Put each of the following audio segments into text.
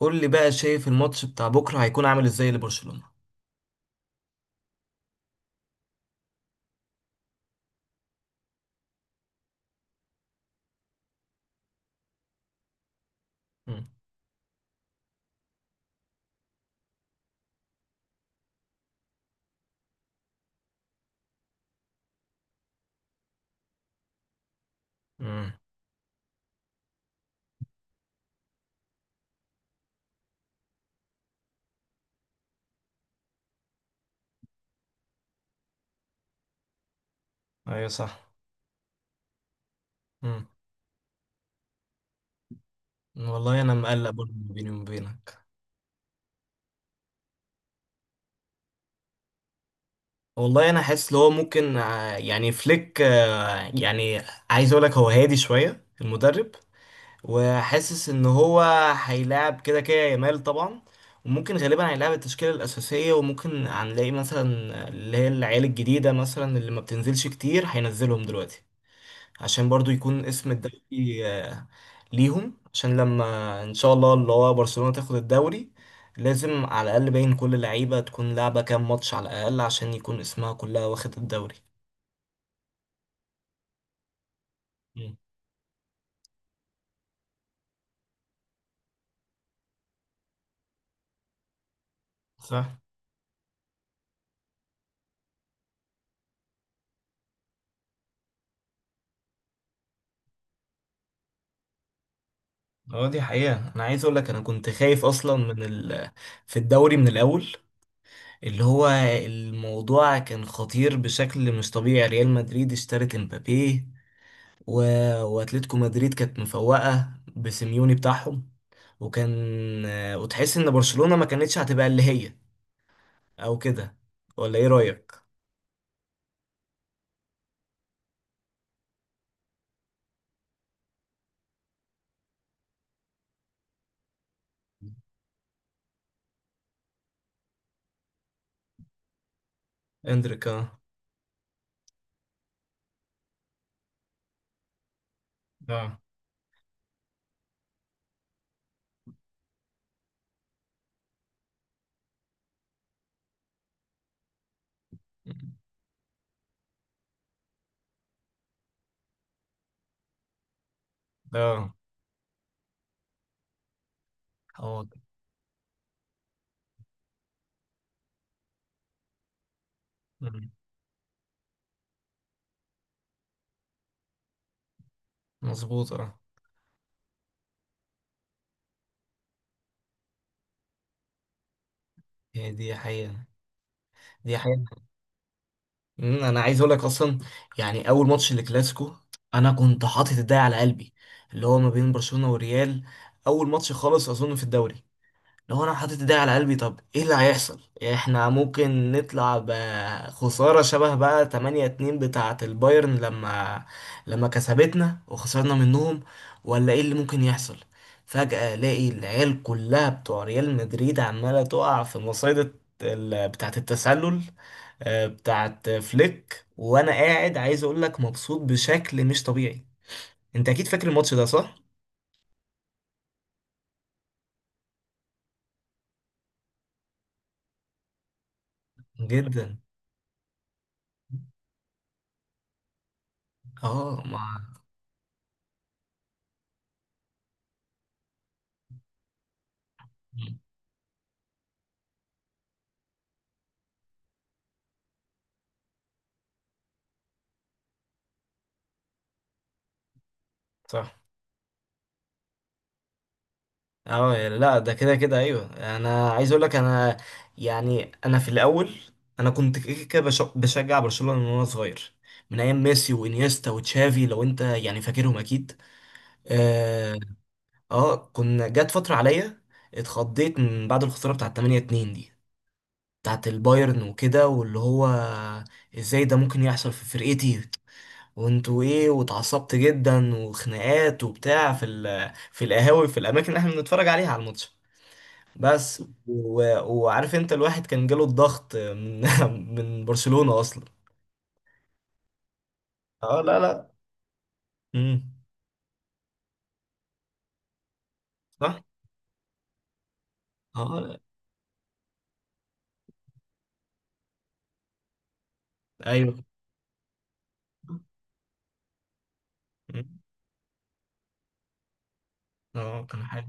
قول لي بقى، شايف الماتش بتاع بكرة هيكون عامل ازاي لبرشلونة؟ مم. مم. ايوه، صح. مم. والله انا مقلق برضه بيني وبينك. والله انا حاسس اللي هو ممكن يعني فليك، يعني عايز اقول لك، هو هادي شوية المدرب وحاسس ان هو هيلاعب كده كده يامال طبعا. وممكن غالبا هيلاعب التشكيلة الأساسية، وممكن هنلاقي مثلا اللي هي العيال الجديدة، مثلا اللي ما بتنزلش كتير هينزلهم دلوقتي، عشان برضو يكون اسم الدوري ليهم، عشان لما ان شاء الله اللي هو برشلونة تاخد الدوري لازم على الاقل باين كل لعيبة تكون لعبة كام ماتش على الاقل عشان يكون اسمها كلها واخد الدوري. مم. صح. اه دي حقيقة، انا عايز اقول لك انا كنت خايف اصلا من ال... في الدوري من الاول، اللي هو الموضوع كان خطير بشكل مش طبيعي. ريال مدريد اشترت امبابي و... واتلتيكو مدريد كانت مفوقة بسيميوني بتاعهم، وكان وتحس ان برشلونة ما كانتش هتبقى اللي هي، او كده. ولا ايه رأيك؟ اندريك، اه. اه. اه، هو ده. مم. مظبوط، اه. هي دي حقيقة. دي حقيقة. مم، انا عايز اقول لك اصلا، يعني اول ماتش للكلاسيكو انا كنت حاطط ايدي على قلبي، اللي هو ما بين برشلونة والريال. اول ماتش خالص اظن في الدوري، لو انا حاطط ايدي على قلبي طب ايه اللي هيحصل، احنا ممكن نطلع بخسارة شبه بقى 8-2 بتاعة البايرن لما كسبتنا وخسرنا منهم، ولا ايه اللي ممكن يحصل. فجأة الاقي العيال كلها بتوع ريال مدريد عمالة تقع في مصيدة بتاعة التسلل، بتاعة فليك، وانا قاعد عايز اقول لك مبسوط بشكل مش طبيعي. انت اكيد فاكر الماتش ده، صح؟ جدا. اه، مع. صح. اه لا، ده كده كده ايوه. انا عايز اقول لك انا، يعني في الاول انا كنت كده كده بشجع برشلونة من وانا صغير، من ايام ميسي وانيستا وتشافي، لو انت يعني فاكرهم اكيد. اه. كنا جت فترة عليا، اتخضيت من بعد الخسارة بتاعت 8-2 دي، بتاعت البايرن وكده، واللي هو ازاي ده ممكن يحصل في فرقتي وانتوا ايه، واتعصبت جدا وخناقات وبتاع في في القهاوي، في الاماكن اللي احنا بنتفرج عليها على الماتش. بس و... وعارف انت، الواحد كان جاله الضغط من من برشلونة اصلا. اه لا لا. امم. صح. اه لا. ايوه. مم. اه كان حلو.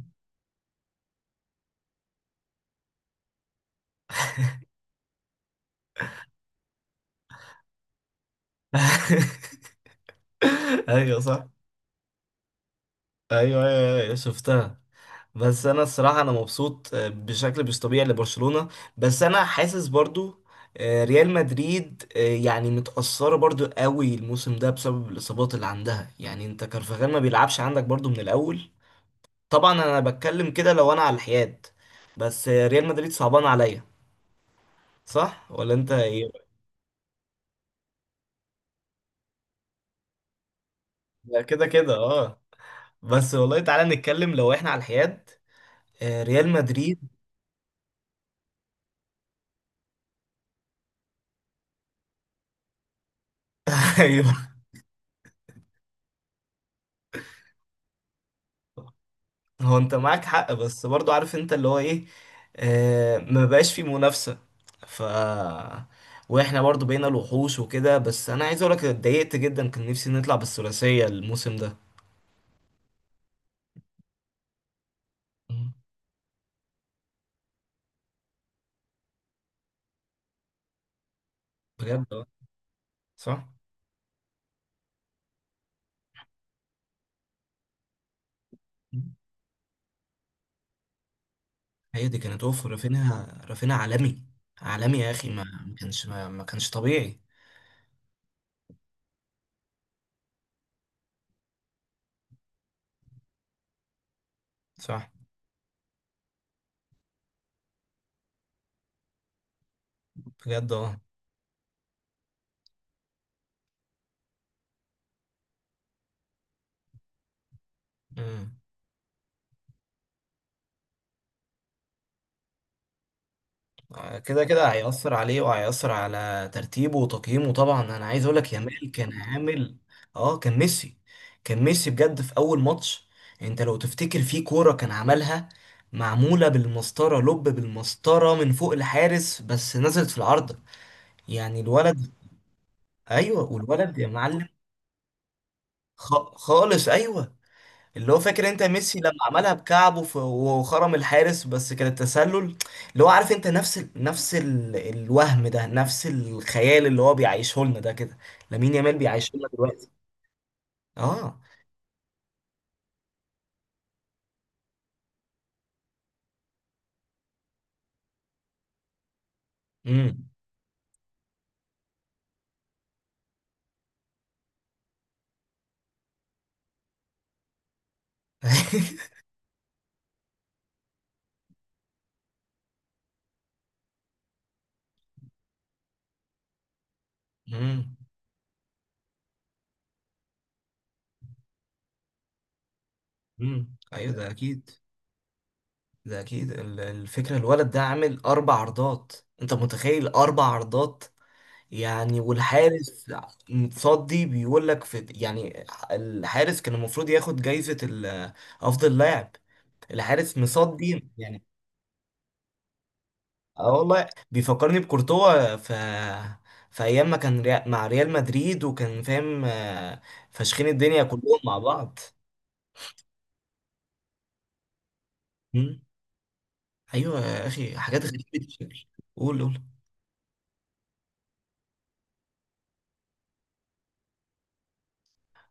ايوه صح. ايوه ايوه أيوة، شفتها. بس انا الصراحه انا مبسوط بشكل مش طبيعي لبرشلونه، بس انا حاسس برضو ريال مدريد، يعني متأثرة برضو قوي الموسم ده بسبب الإصابات اللي عندها. يعني انت كارفاخال ما بيلعبش عندك برضو من الأول. طبعا انا بتكلم كده لو انا على الحياد، بس ريال مدريد صعبان عليا. صح ولا انت ايه؟ لا، كده كده اه. بس والله تعالى نتكلم لو احنا على الحياد، ريال مدريد. ايوه. هو انت معاك حق، بس برضو عارف انت اللي هو ايه، آه ما بقاش في منافسة، ف واحنا برضو بقينا الوحوش وكده. بس انا عايز اقولك، اتضايقت جدا، كان نفسي نطلع بالثلاثية الموسم ده. مم. بجد، اه. صح. هي دي كانت اوف، رافينيا، رافينيا عالمي. عالمي يا اخي، ما كانش ما كانش طبيعي. صح. بجد اه. أمم. كده كده هيأثر عليه وهيأثر على ترتيبه وتقييمه. طبعا انا عايز اقول لك يامال كان عامل، اه، كان ميسي. كان ميسي بجد في اول ماتش، انت لو تفتكر في كورة كان عملها، معمولة بالمسطرة، لب بالمسطرة من فوق الحارس بس نزلت في العارضة. يعني الولد، ايوه، والولد يا معلم، خالص ايوه. اللي هو فاكر انت ميسي لما عملها بكعبه وخرم الحارس بس كان التسلل. اللي هو عارف انت نفس الوهم ده، نفس الخيال اللي هو بيعيشه لنا ده، كده لامين يامال بيعيشه لنا دلوقتي. اه. امم. امم. ايوه ده اكيد. ده اكيد الفكره، الولد ده عامل اربع عرضات. انت متخيل اربع عرضات؟ يعني والحارس متصدي بيقول لك، في يعني الحارس كان المفروض ياخد افضل لاعب. الحارس مصدي يعني. اه والله بيفكرني بكورتوا، ف في ايام ما كان مع ريال مدريد، وكان فاهم، فاشخين الدنيا كلهم مع بعض. مم. ايوه يا اخي، حاجات غريبه بتتشكل. قول، قول.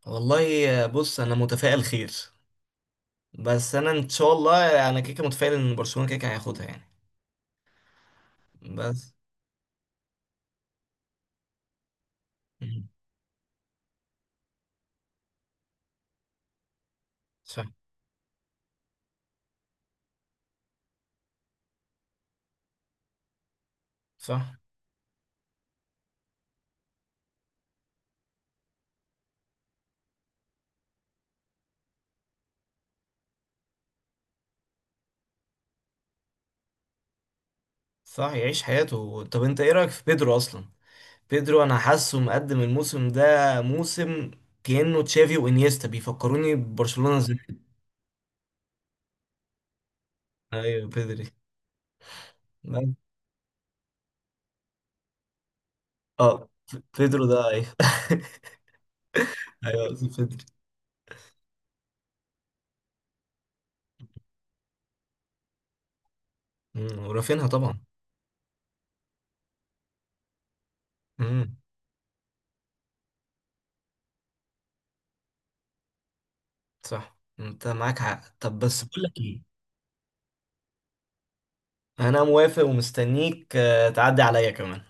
والله بص انا متفائل خير، بس انا ان شاء الله انا كيكه متفائل ان برشلونه كيكه هياخدها يعني. بس. مم. صح. صح. صح، يعيش حياته. طب انت ايه رايك في بيدرو اصلا؟ بيدرو انا حاسه مقدم الموسم ده، موسم كأنه تشافي وانيستا، بيفكروني ببرشلونة زمان. ايوه بيدري. لا. اه بيدرو ده، ايوه. ايوه قصدي بيدري. مم، ورافينها طبعا. امم. صح، انت معاك حق. طب بس بقول لك ايه، انا موافق ومستنيك تعدي عليا كمان.